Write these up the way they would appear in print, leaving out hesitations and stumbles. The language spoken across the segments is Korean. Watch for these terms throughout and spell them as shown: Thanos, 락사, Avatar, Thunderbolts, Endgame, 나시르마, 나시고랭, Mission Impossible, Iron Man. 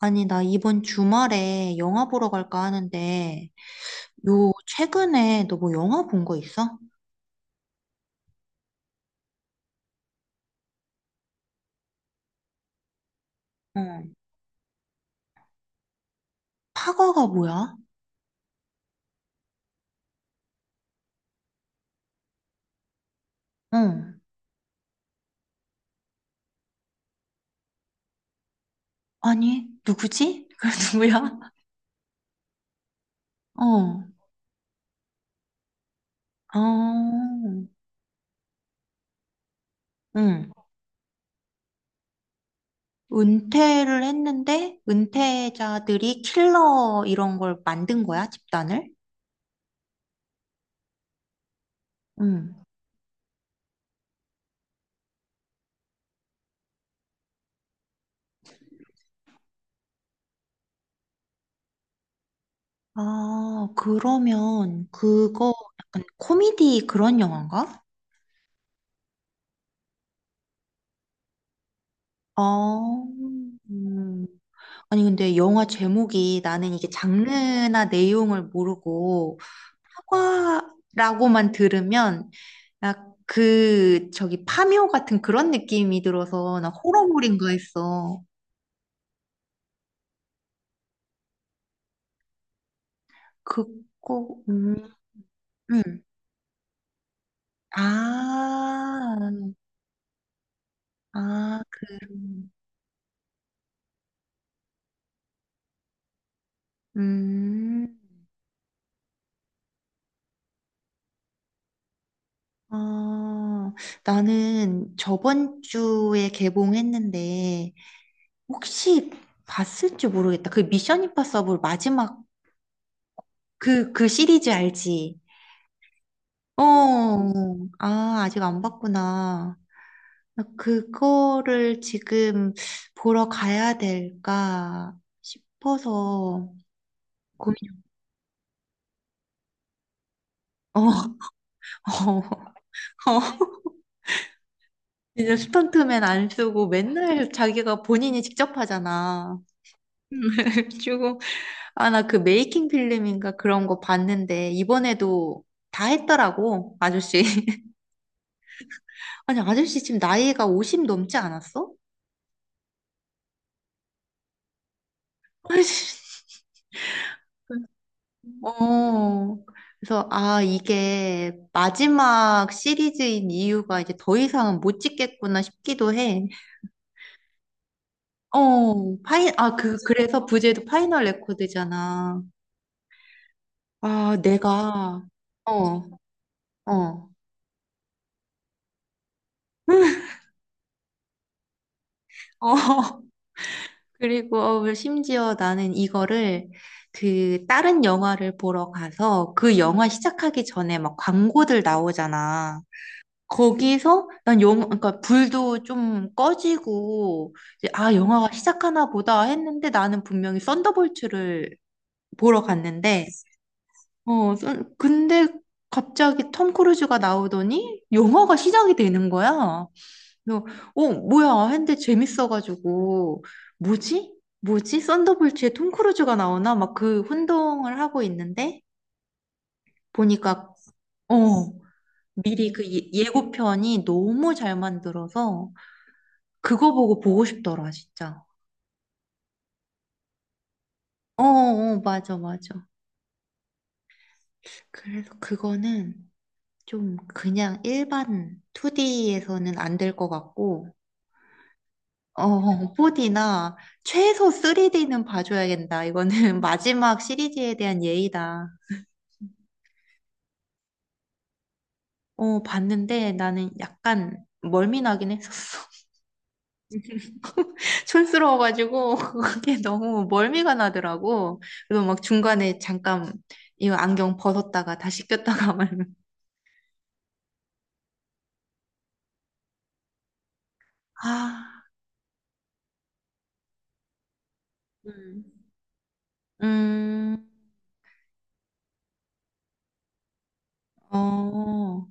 아니, 나 이번 주말에 영화 보러 갈까 하는데, 요, 최근에 너 뭐 영화 본 거 있어? 응. 파거가 뭐야? 응. 아니, 누구지? 그 누구야? 어. 어. 응. 은퇴를 했는데, 은퇴자들이 킬러 이런 걸 만든 거야, 집단을? 응. 아, 그러면 그거 약간 코미디 그런 영화인가? 어. 음. 아니, 근데 영화 제목이 나는 이게 장르나 내용을 모르고 사과라고만 들으면 나 그, 저기 파묘 같은 그런 느낌이 들어서 나 호러물인가 했어. 그거, 음. 아, 아, 그, 음, 아, 나는 저번 주에 개봉했는데 혹시 봤을지 모르겠다. 그 미션 임파서블 마지막 그, 그 시리즈 알지? 어, 아, 아직 안 봤구나. 나 그거를 지금 보러 가야 될까 싶어서 고민, 어, 어, 어. 이제 스턴트맨 안 쓰고 맨날 자기가 본인이 직접 하잖아. 주고, 아, 나 그 메이킹 필름인가 그런 거 봤는데, 이번에도 다 했더라고, 아저씨. 아니, 아저씨 지금 나이가 50 넘지 않았어? 어, 그래서, 아, 이게 마지막 시리즈인 이유가 이제 더 이상은 못 찍겠구나 싶기도 해. 어, 파이, 아, 그, 그래서 부제도 파이널 레코드잖아. 아, 내가, 어, 어, 어. 그리고 심지어 나는 이거를 그 다른 영화를 보러 가서 그 영화 시작하기 전에 막 광고들 나오잖아. 거기서 난 영, 그러니까 불도 좀 꺼지고 이제 아 영화가 시작하나 보다 했는데 나는 분명히 썬더볼츠를 보러 갔는데 어 근데 갑자기 톰 크루즈가 나오더니 영화가 시작이 되는 거야. 그래서 어 뭐야 했는데 재밌어가지고 뭐지? 뭐지? 썬더볼츠에 톰 크루즈가 나오나 막 그 혼동을 하고 있는데 보니까 어 미리 그 예고편이 너무 잘 만들어서 그거 보고 보고 싶더라, 진짜. 어, 어, 맞아, 맞아. 그래서 그거는 좀 그냥 일반 2D에서는 안 될 것 같고, 어, 4D나 최소 3D는 봐줘야겠다. 이거는 마지막 시리즈에 대한 예의다. 어, 봤는데 나는 약간 멀미 나긴 했었어. 촌스러워가지고 그게 너무 멀미가 나더라고. 그래서 막 중간에 잠깐 이거 안경 벗었다가 다시 꼈다가 말면 아, 음. 음, 어,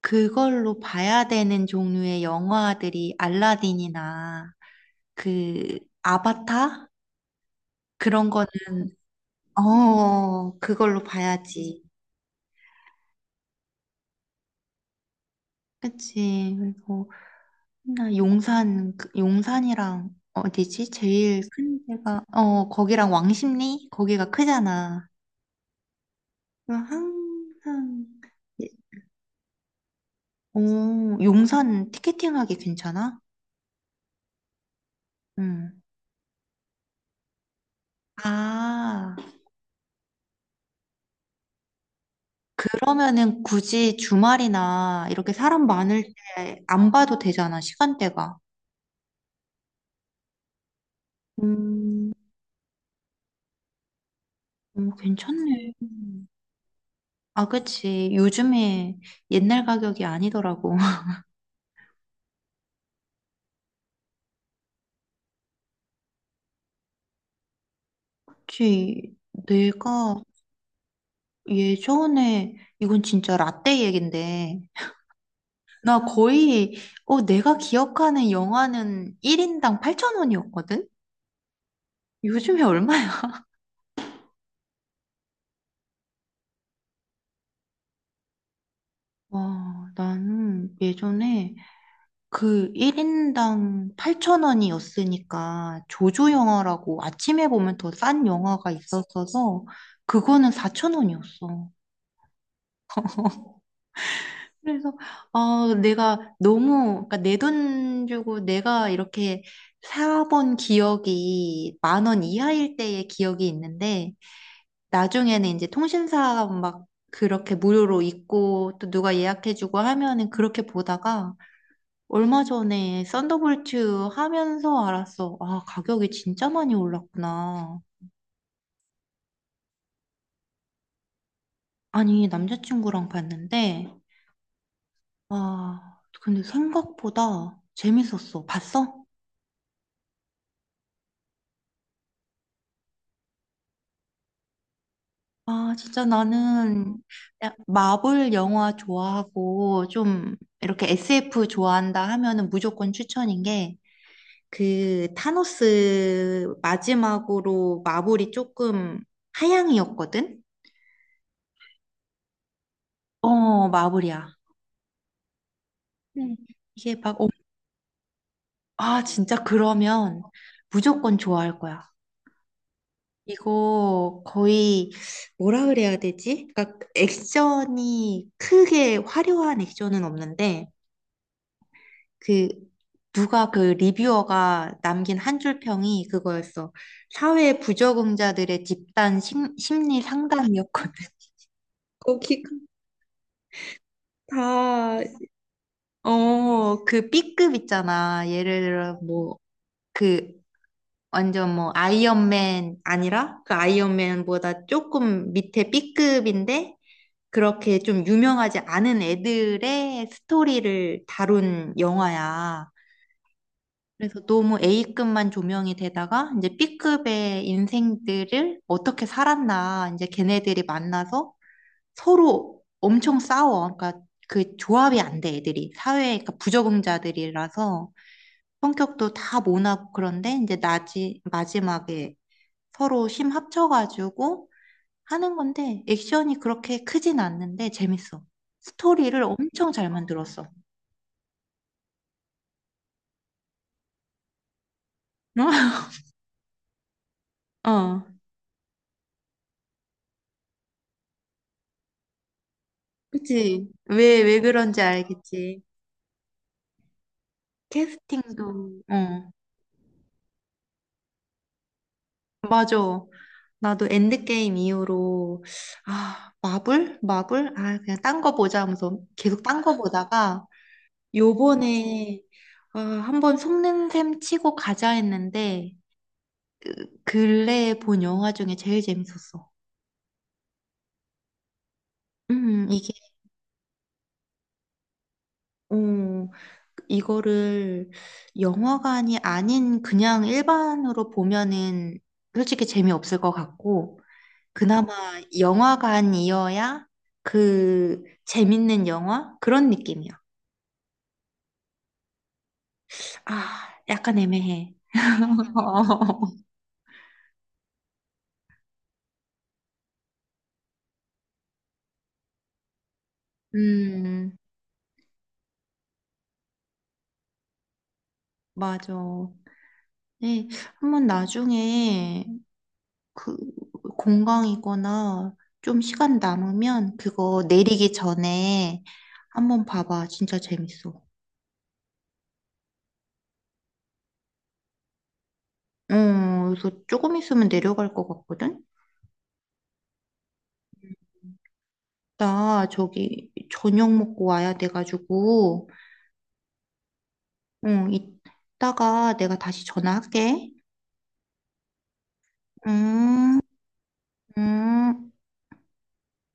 그걸로 봐야 되는 종류의 영화들이 알라딘이나 그 아바타? 그런 거는, 어, 그걸로 봐야지. 그치. 그리고 나 용산, 그 용산이랑 어디지? 제일 큰 데가, 어, 거기랑 왕십리? 거기가 크잖아. 그래서 항상, 오, 용산 티켓팅 하기 괜찮아? 응. 아. 그러면은 굳이 주말이나 이렇게 사람 많을 때 안 봐도 되잖아, 시간대가. 음, 괜찮네. 아, 그치. 요즘에 옛날 가격이 아니더라고. 그치. 내가 예전에, 이건 진짜 라떼 얘긴데, 나 거의, 어, 내가 기억하는 영화는 1인당 8,000원이었거든? 요즘에 얼마야? 와, 나는 예전에 그 1인당 8,000원이었으니까 조조 영화라고 아침에 보면 더 싼 영화가 있었어서 그거는 4,000원이었어. 그래서 아 내가 너무 그러니까 내 돈 주고 내가 이렇게 사본 기억이 10,000원 이하일 때의 기억이 있는데 나중에는 이제 통신사 막 그렇게 무료로 있고 또 누가 예약해주고 하면은 그렇게 보다가 얼마 전에 썬더볼트 하면서 알았어. 아, 가격이 진짜 많이 올랐구나. 아니, 남자친구랑 봤는데, 아, 근데 생각보다 재밌었어. 봤어? 아, 진짜 나는 마블 영화 좋아하고 좀 이렇게 SF 좋아한다 하면은 무조건 추천인 게 그 타노스 마지막으로 마블이 조금 하향이었거든? 어, 마블이야. 네. 이게 막 아, 진짜 그러면 무조건 좋아할 거야. 이거 거의 뭐라 그래야 되지? 그러니까 액션이 크게 화려한 액션은 없는데 그 누가 그 리뷰어가 남긴 한 줄 평이 그거였어. 사회 부적응자들의 집단 심리 상담이었거든. 거기가 다, 어, 그 B급 있잖아. 예를 들어, 뭐, 그 완전 뭐 아이언맨 아니라 그 아이언맨보다 조금 밑에 B급인데 그렇게 좀 유명하지 않은 애들의 스토리를 다룬 영화야. 그래서 너무 A급만 조명이 되다가 이제 B급의 인생들을 어떻게 살았나 이제 걔네들이 만나서 서로 엄청 싸워. 그러니까 그 조합이 안 돼, 애들이. 사회, 그러니까 부적응자들이라서 성격도 다 모나고 그런데 이제 나지, 마지막에 서로 힘 합쳐가지고 하는 건데 액션이 그렇게 크진 않는데 재밌어. 스토리를 엄청 잘 만들었어. 어, 그치. 왜, 왜 그런지 알겠지. 캐스팅도, 어, 맞아. 나도 엔드게임 이후로, 아, 마블? 마블? 아, 그냥 딴 거 보자 하면서 계속 딴 거 보다가, 요번에, 아, 한번 속는 셈 치고 가자 했는데, 근래에 본 영화 중에 제일 재밌었어. 이게, 어, 이거를 영화관이 아닌 그냥 일반으로 보면은 솔직히 재미없을 것 같고, 그나마 영화관이어야 그 재밌는 영화? 그런 느낌이야. 아, 약간 애매해. 음, 맞아. 네, 한번 나중에 그 공강이거나 좀 시간 남으면 그거 내리기 전에 한번 봐봐. 진짜 재밌어. 어, 그래서 조금 있으면 내려갈 것 같거든? 나 저기 저녁 먹고 와야 돼가지고, 응, 이따가 내가 다시 전화할게. 음, 음.